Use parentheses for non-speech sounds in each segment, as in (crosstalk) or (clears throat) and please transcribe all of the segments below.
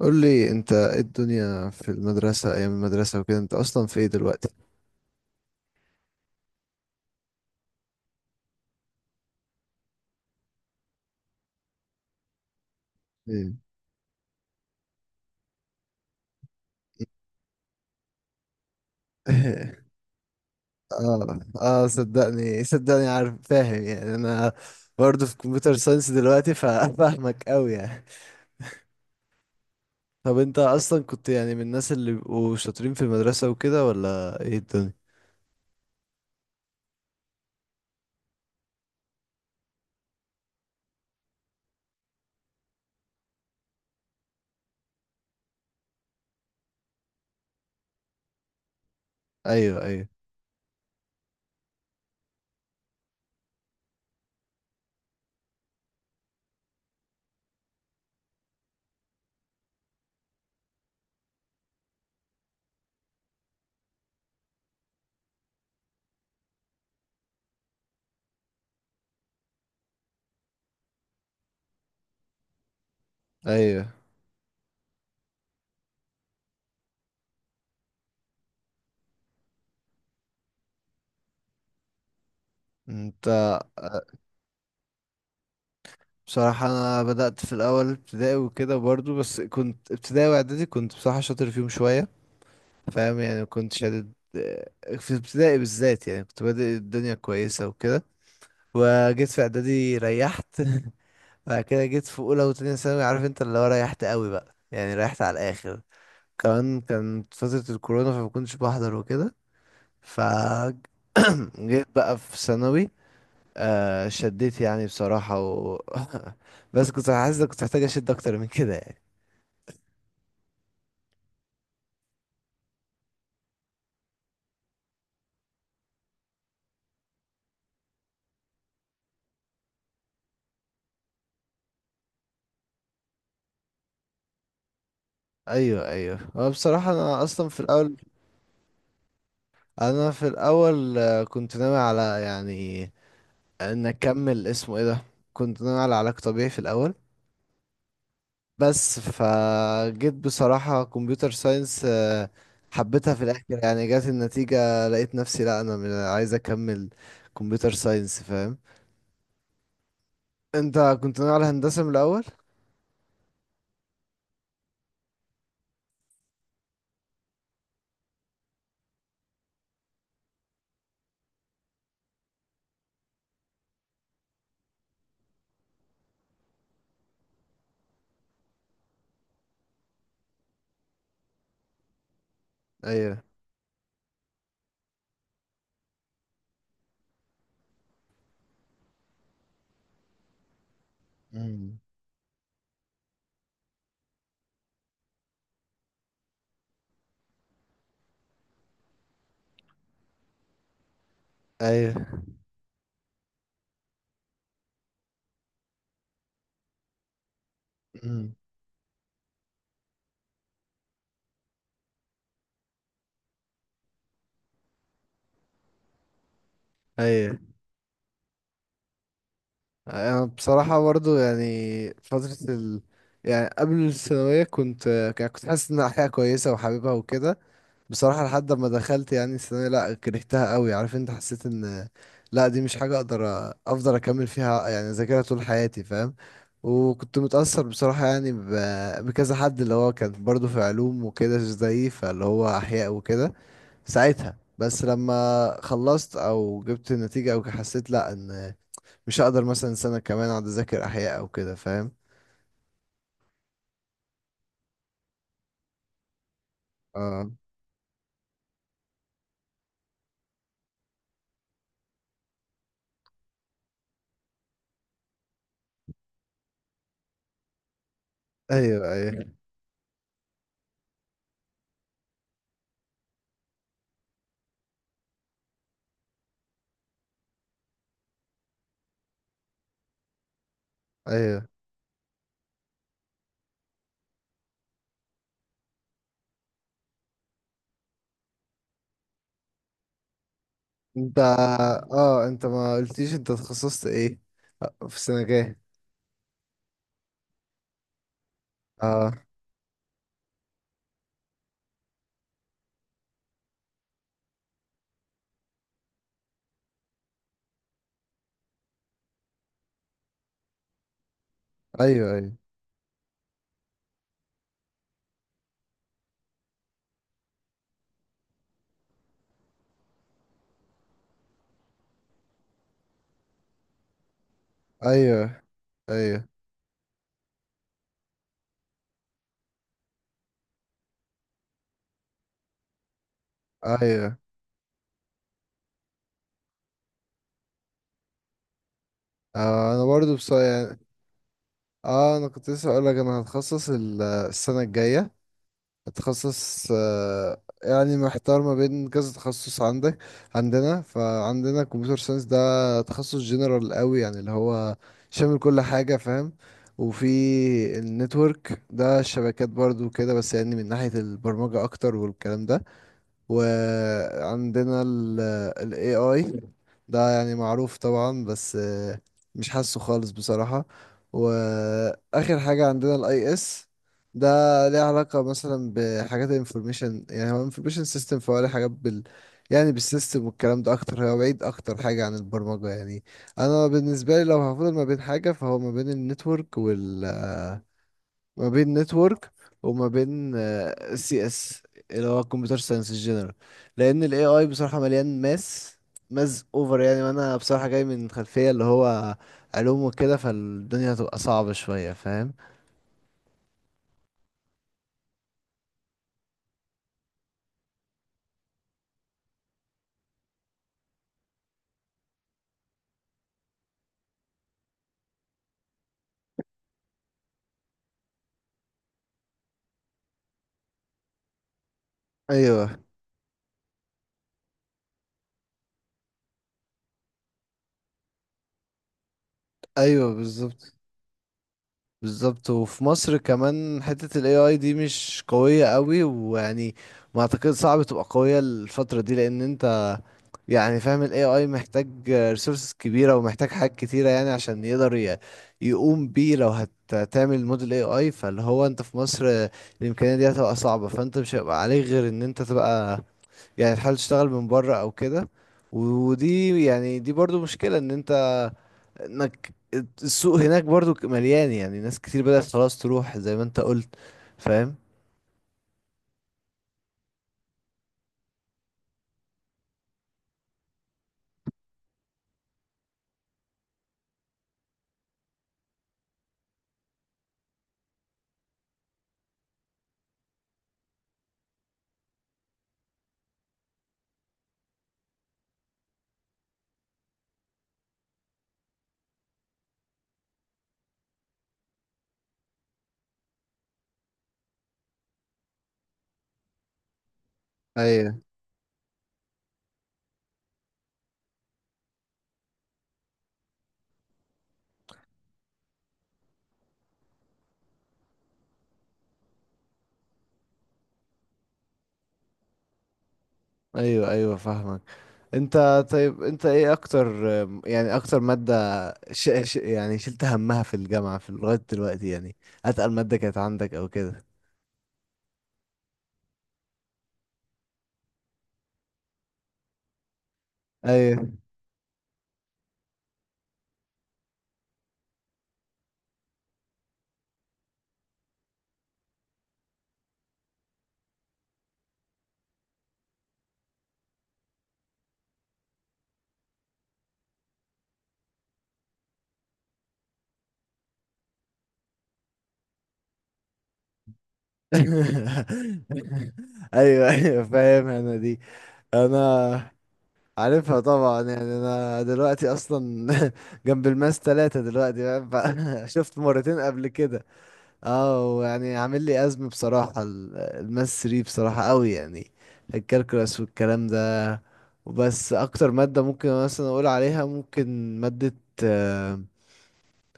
قول لي انت ايه الدنيا في المدرسة، ايام المدرسة وكده؟ انت اصلا في ايه دلوقتي؟ ايه؟ (laughs) اه، اه، صدقني صدقني عارف، فاهم يعني. انا برضه في كمبيوتر ساينس دلوقتي (laughs) فاهمك قوي يعني. طب انت اصلا كنت يعني من الناس اللي بيبقوا شاطرين في المدرسة وكده، ولا ايه الدنيا؟ ايوه، ايوه، ايوه. انت آه، بصراحة انا بدأت في الاول ابتدائي وكده برضه، بس كنت ابتدائي واعدادي، كنت بصراحة شاطر فيهم شوية، فاهم يعني. كنت شادد في ابتدائي بالذات، يعني كنت بادئ الدنيا كويسة وكده. وجيت في اعدادي ريحت (laughs) بعد كده جيت في اولى وتانية ثانوي، عارف انت اللي هو ريحت قوي بقى، يعني ريحت على الاخر. كمان كانت فترة الكورونا فما كنتش بحضر وكده. ف (clears throat) جيت بقى في ثانوي. شديت يعني بصراحة و... (laughs) بس كنت حاسس إن كنت محتاج اشد اكتر من كده يعني. ايوه، ايوه. هو بصراحة انا في الاول كنت ناوي على يعني، ان اكمل اسمه ايه ده. كنت ناوي على علاج طبيعي في الاول، بس فجيت بصراحة كمبيوتر ساينس، حبيتها في الاخر، يعني جات النتيجة لقيت نفسي، لا انا عايز اكمل كمبيوتر ساينس فاهم. انت كنت ناوي على هندسة من الاول؟ ايوه. مم. ايوه. مم. ايوه، يعني بصراحة برضو، يعني يعني قبل الثانوية، يعني كنت حاسس إن الحياة كويسة وحاببها وكده. بصراحة لحد ما دخلت يعني الثانوية، لأ كرهتها قوي، عارف أنت، حسيت إن لأ، دي مش حاجة أقدر أفضل أكمل فيها، يعني أذاكرها طول حياتي فاهم. وكنت متأثر بصراحة يعني بكذا حد اللي هو كان برضو في علوم وكده زيي، فاللي هو أحياء وكده. ساعتها بس لما خلصت، أو جبت نتيجة، أو حسيت لأ، إن مش هقدر مثلا سنة كمان اقعد اذاكر احياء او كده فاهم. اه، ايوه، ايوه، ايوه. انت اه انت ما قلتيش انت تخصصت ايه، في سنة جاية؟ اه، ايوه، ايوه، ايوه، ايوه، ايوه. انا برضو بصراحة يعني، اه انا كنت لسه اقول لك انا هتخصص السنة الجاية، تخصص يعني محتار ما بين كذا تخصص عندك. فعندنا كمبيوتر ساينس، ده تخصص جنرال قوي يعني، اللي هو شامل كل حاجة فاهم. وفي النتورك، ده الشبكات برضو كده، بس يعني من ناحية البرمجة أكتر والكلام ده. وعندنا ال AI، ده يعني معروف طبعا، بس مش حاسه خالص بصراحة. وآخر حاجة عندنا ال IS، ده ليه علاقة مثلا بحاجات ال information، يعني هو information system، فهو ليه حاجات يعني بالسيستم والكلام ده أكتر، هو بعيد أكتر حاجة عن البرمجة يعني. أنا بالنسبة لي لو هفضل ما بين حاجة، فهو ما بين نتورك وما بين CS، اللي هو كمبيوتر ساينس الجنرال. لان الاي اي بصراحه مليان ماس اوفر يعني. وانا بصراحه جاي من خلفيه اللي هو علوم وكده، فالدنيا هتبقى صعبه شويه فاهم. ايوه، ايوه، بالظبط. بالظبط، وفي مصر كمان حتة ال AI دي مش قوية قوي، ويعني ما اعتقد صعب تبقى قوية الفترة دي، لان انت يعني فاهم ال AI محتاج resources كبيرة، ومحتاج حاجات كتيرة يعني عشان يقدر يقوم بيه. لو هتعمل موديل AI، فاللي هو انت في مصر الامكانية دي هتبقى صعبة، فانت مش هيبقى عليك غير ان انت تبقى يعني تحاول تشتغل من بره او كده. ودي يعني دي برضو مشكلة ان انت، انك السوق هناك برضو مليان، يعني ناس كتير بدأت خلاص تروح زي ما انت قلت فاهم. ايوه، ايوه، ايوه، فاهمك. طيب، انت ايه اكتر يعني، اكتر مادة يعني شلت همها في الجامعة في لغاية دلوقتي يعني، اتقل مادة كانت عندك او كده؟ ايوه (laughs) ايوه، ايوه، فاهم. انا عارفها طبعا يعني. انا دلوقتي اصلا (laughs) جنب الماس 3 دلوقتي فاهم؟ (laughs) شفت مرتين قبل كده. اه، يعني عامل لي ازمه بصراحه الماس 3 بصراحه قوي يعني، الكالكولاس والكلام ده. وبس اكتر ماده ممكن مثلا اقول عليها، ممكن ماده آه،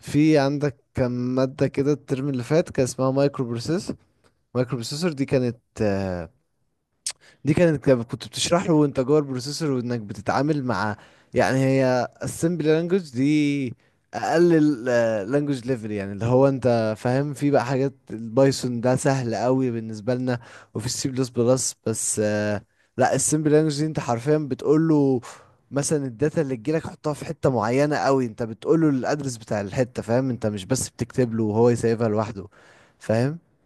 في عندك كم ماده كده الترم اللي فات كان اسمها مايكرو بروسيسور. دي كانت آه، دي كانت كنت بتشرح له وانت جوه البروسيسور، وانك بتتعامل مع، يعني هي assembly language دي، اقل language level يعني، اللي هو انت فاهم. في بقى حاجات البايثون ده سهل قوي بالنسبه لنا، وفي السي بلس بلس، بس لا السمبل لانجوج دي انت حرفيا بتقول له مثلا الداتا اللي تجيلك حطها في حته معينه قوي، انت بتقول له الادرس بتاع الحته فاهم. انت مش بس بتكتب له وهو يسيبها لوحده فاهم.